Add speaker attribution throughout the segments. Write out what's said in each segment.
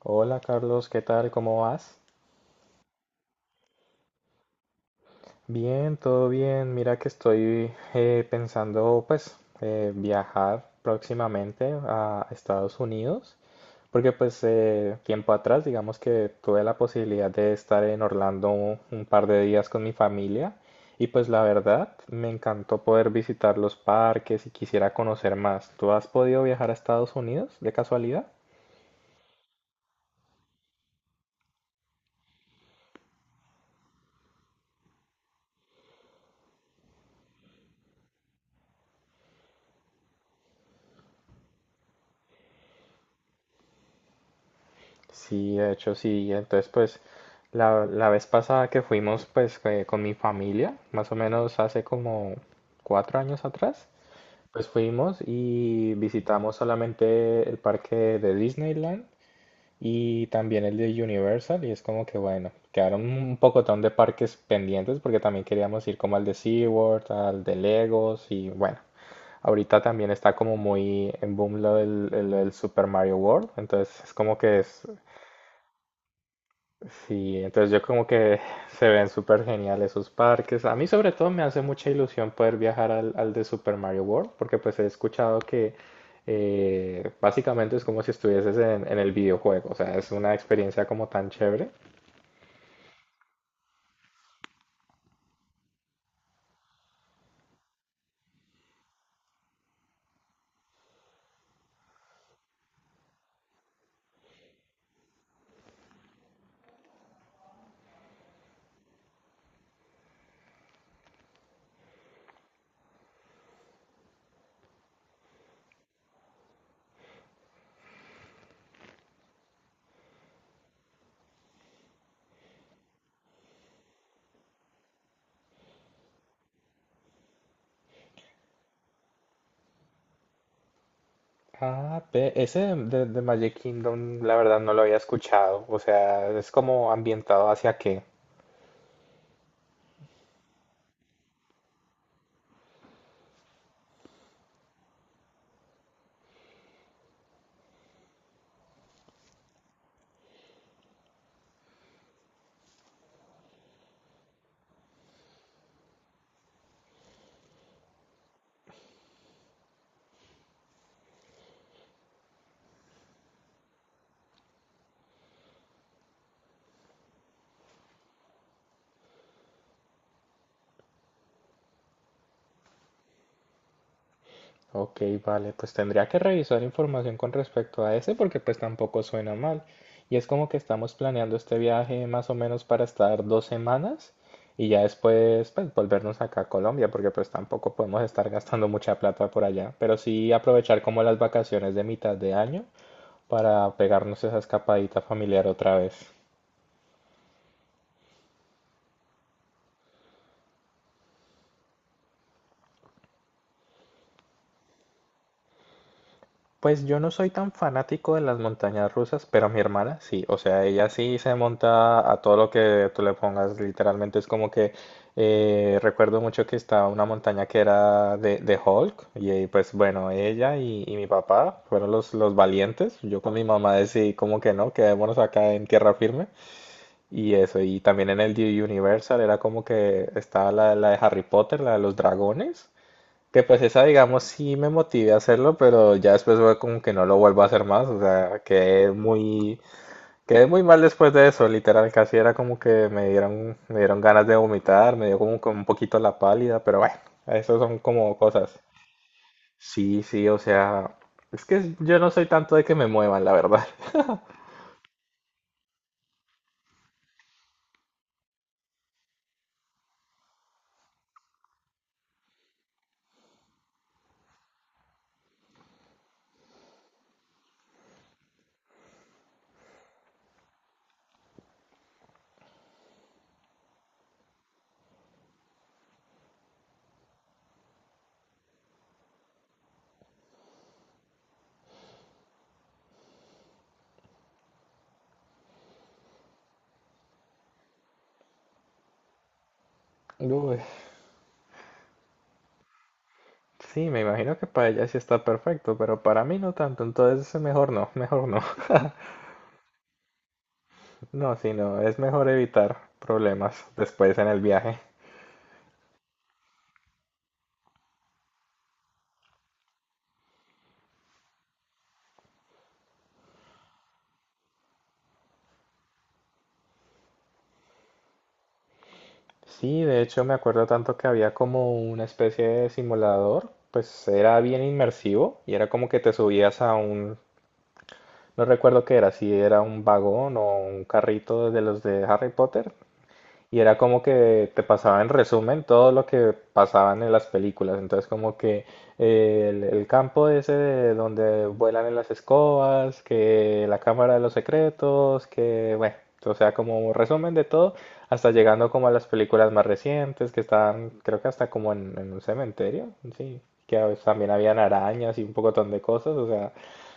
Speaker 1: Hola Carlos, ¿qué tal? ¿Cómo vas? Bien, todo bien. Mira que estoy pensando pues viajar próximamente a Estados Unidos, porque pues tiempo atrás digamos que tuve la posibilidad de estar en Orlando un par de días con mi familia y pues la verdad me encantó poder visitar los parques y quisiera conocer más. ¿Tú has podido viajar a Estados Unidos de casualidad? Sí, de hecho sí. Entonces, pues, la vez pasada que fuimos, pues, con mi familia, más o menos hace como 4 años atrás, pues fuimos y visitamos solamente el parque de Disneyland y también el de Universal y es como que, bueno, quedaron un pocotón de parques pendientes porque también queríamos ir como al de SeaWorld, al de Legos y bueno. Ahorita también está como muy en boom lo del, el Super Mario World, entonces es como que es, sí, entonces yo como que se ven súper geniales esos parques. A mí sobre todo me hace mucha ilusión poder viajar al de Super Mario World, porque pues he escuchado que básicamente es como si estuvieses en el videojuego, o sea, es una experiencia como tan chévere. Ah, ve, ese de Magic Kingdom la verdad no lo había escuchado, o sea, es como ambientado hacia qué. Ok, vale, pues tendría que revisar información con respecto a ese porque pues tampoco suena mal. Y es como que estamos planeando este viaje más o menos para estar 2 semanas y ya después pues volvernos acá a Colombia porque pues tampoco podemos estar gastando mucha plata por allá, pero sí aprovechar como las vacaciones de mitad de año para pegarnos esa escapadita familiar otra vez. Pues yo no soy tan fanático de las montañas rusas, pero mi hermana sí, o sea, ella sí se monta a todo lo que tú le pongas, literalmente es como que recuerdo mucho que estaba una montaña que era de Hulk y pues bueno, ella y mi papá fueron los valientes, yo con mi mamá decidí como que no, quedémonos acá en tierra firme y eso, y también en el de Universal era como que estaba la de Harry Potter, la de los dragones. Que pues esa, digamos, sí me motivé a hacerlo, pero ya después fue como que no lo vuelvo a hacer más. O sea, quedé muy mal después de eso. Literal, casi era como que me dieron ganas de vomitar, me dio como que un poquito la pálida, pero bueno, eso son como cosas. Sí, sí, o sea, es que yo no soy tanto de que me muevan, la verdad. Uy, sí, me imagino que para ella sí está perfecto, pero para mí no tanto, entonces mejor no, mejor no. No, sí, no, es mejor evitar problemas después en el viaje. Sí, de hecho me acuerdo tanto que había como una especie de simulador, pues era bien inmersivo y era como que te subías a un, no recuerdo qué era, si era un vagón o un carrito de los de Harry Potter, y era como que te pasaba en resumen todo lo que pasaban en las películas. Entonces como que el campo ese de donde vuelan en las escobas, que la cámara de los secretos, que bueno, o sea, como un resumen de todo, hasta llegando como a las películas más recientes que estaban, creo que hasta como en un cementerio, sí, que a veces también habían arañas y un pocotón de cosas, o sea...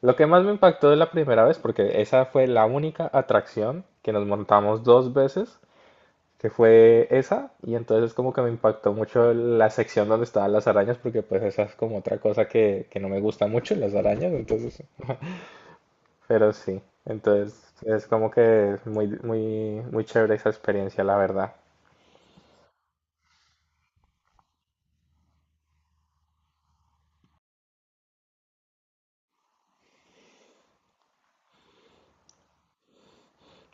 Speaker 1: Lo que más me impactó de la primera vez, porque esa fue la única atracción que nos montamos dos veces, que fue esa, y entonces como que me impactó mucho la sección donde estaban las arañas, porque pues esa es como otra cosa que no me gusta mucho, las arañas, entonces, pero sí, entonces es como que es muy, muy, muy chévere esa experiencia, la verdad.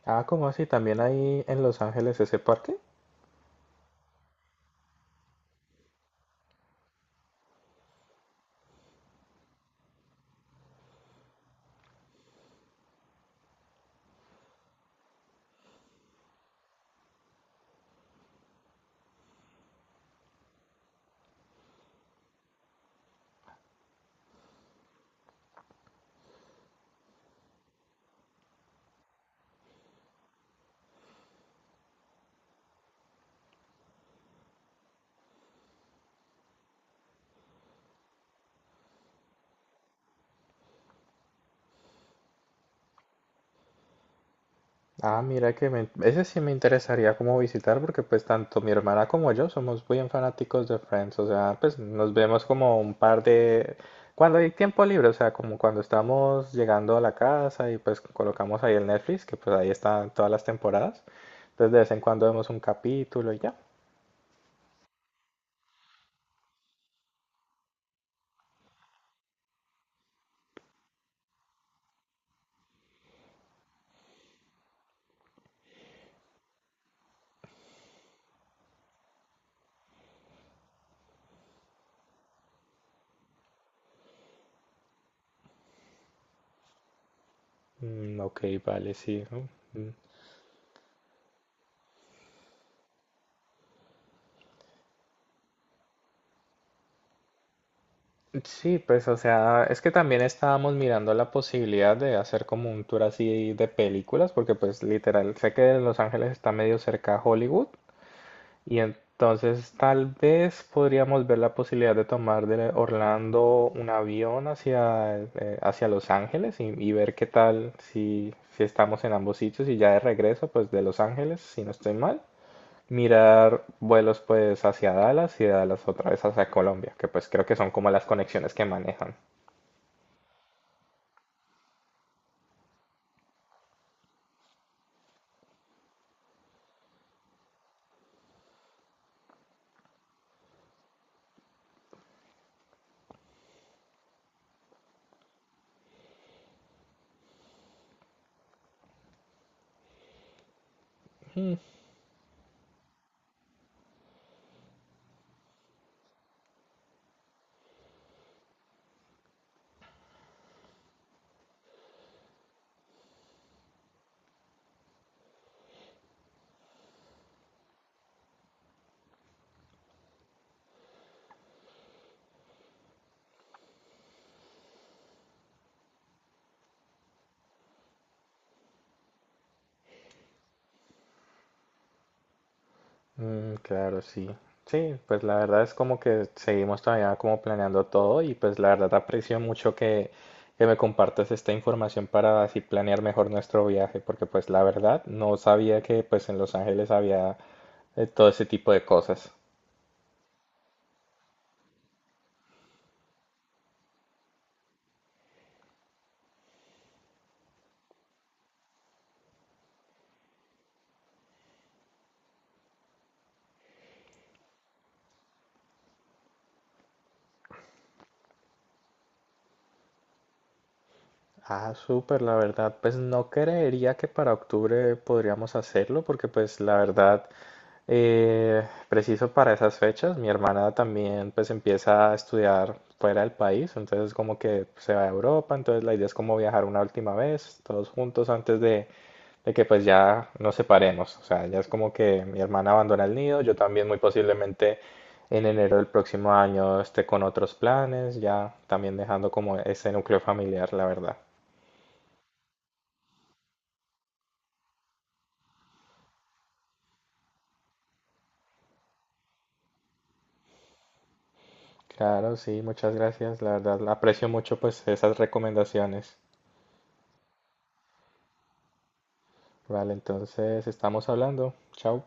Speaker 1: Ah, ¿cómo así? ¿También hay en Los Ángeles ese parque? Ah, mira que ese sí me interesaría como visitar porque pues tanto mi hermana como yo somos bien fanáticos de Friends, o sea, pues nos vemos como un par de... cuando hay tiempo libre, o sea, como cuando estamos llegando a la casa y pues colocamos ahí el Netflix, que pues ahí están todas las temporadas, entonces de vez en cuando vemos un capítulo y ya. Mm, ok, vale, sí. ¿No? Mm. Sí, pues o sea, es que también estábamos mirando la posibilidad de hacer como un tour así de películas, porque pues literal, sé que Los Ángeles está medio cerca a Hollywood y entonces tal vez podríamos ver la posibilidad de tomar de Orlando un avión hacia, hacia Los Ángeles y ver qué tal si estamos en ambos sitios y ya de regreso pues de Los Ángeles, si no estoy mal mirar vuelos pues hacia Dallas y de Dallas otra vez hacia Colombia, que pues creo que son como las conexiones que manejan. Mm, claro, sí. Sí, pues la verdad es como que seguimos todavía como planeando todo y pues la verdad aprecio mucho que me compartas esta información para así planear mejor nuestro viaje, porque pues la verdad no sabía que pues en Los Ángeles había todo ese tipo de cosas. Ah, súper, la verdad, pues no creería que para octubre podríamos hacerlo, porque pues la verdad Eh, preciso para esas fechas, mi hermana también pues empieza a estudiar fuera del país, entonces como que se va a Europa, entonces la idea es como viajar una última vez, todos juntos antes de que pues ya nos separemos, o sea, ya es como que mi hermana abandona el nido, yo también muy posiblemente en enero del próximo año esté con otros planes, ya también dejando como ese núcleo familiar, la verdad. Claro, sí, muchas gracias, la verdad aprecio mucho pues esas recomendaciones. Vale, entonces estamos hablando. Chao.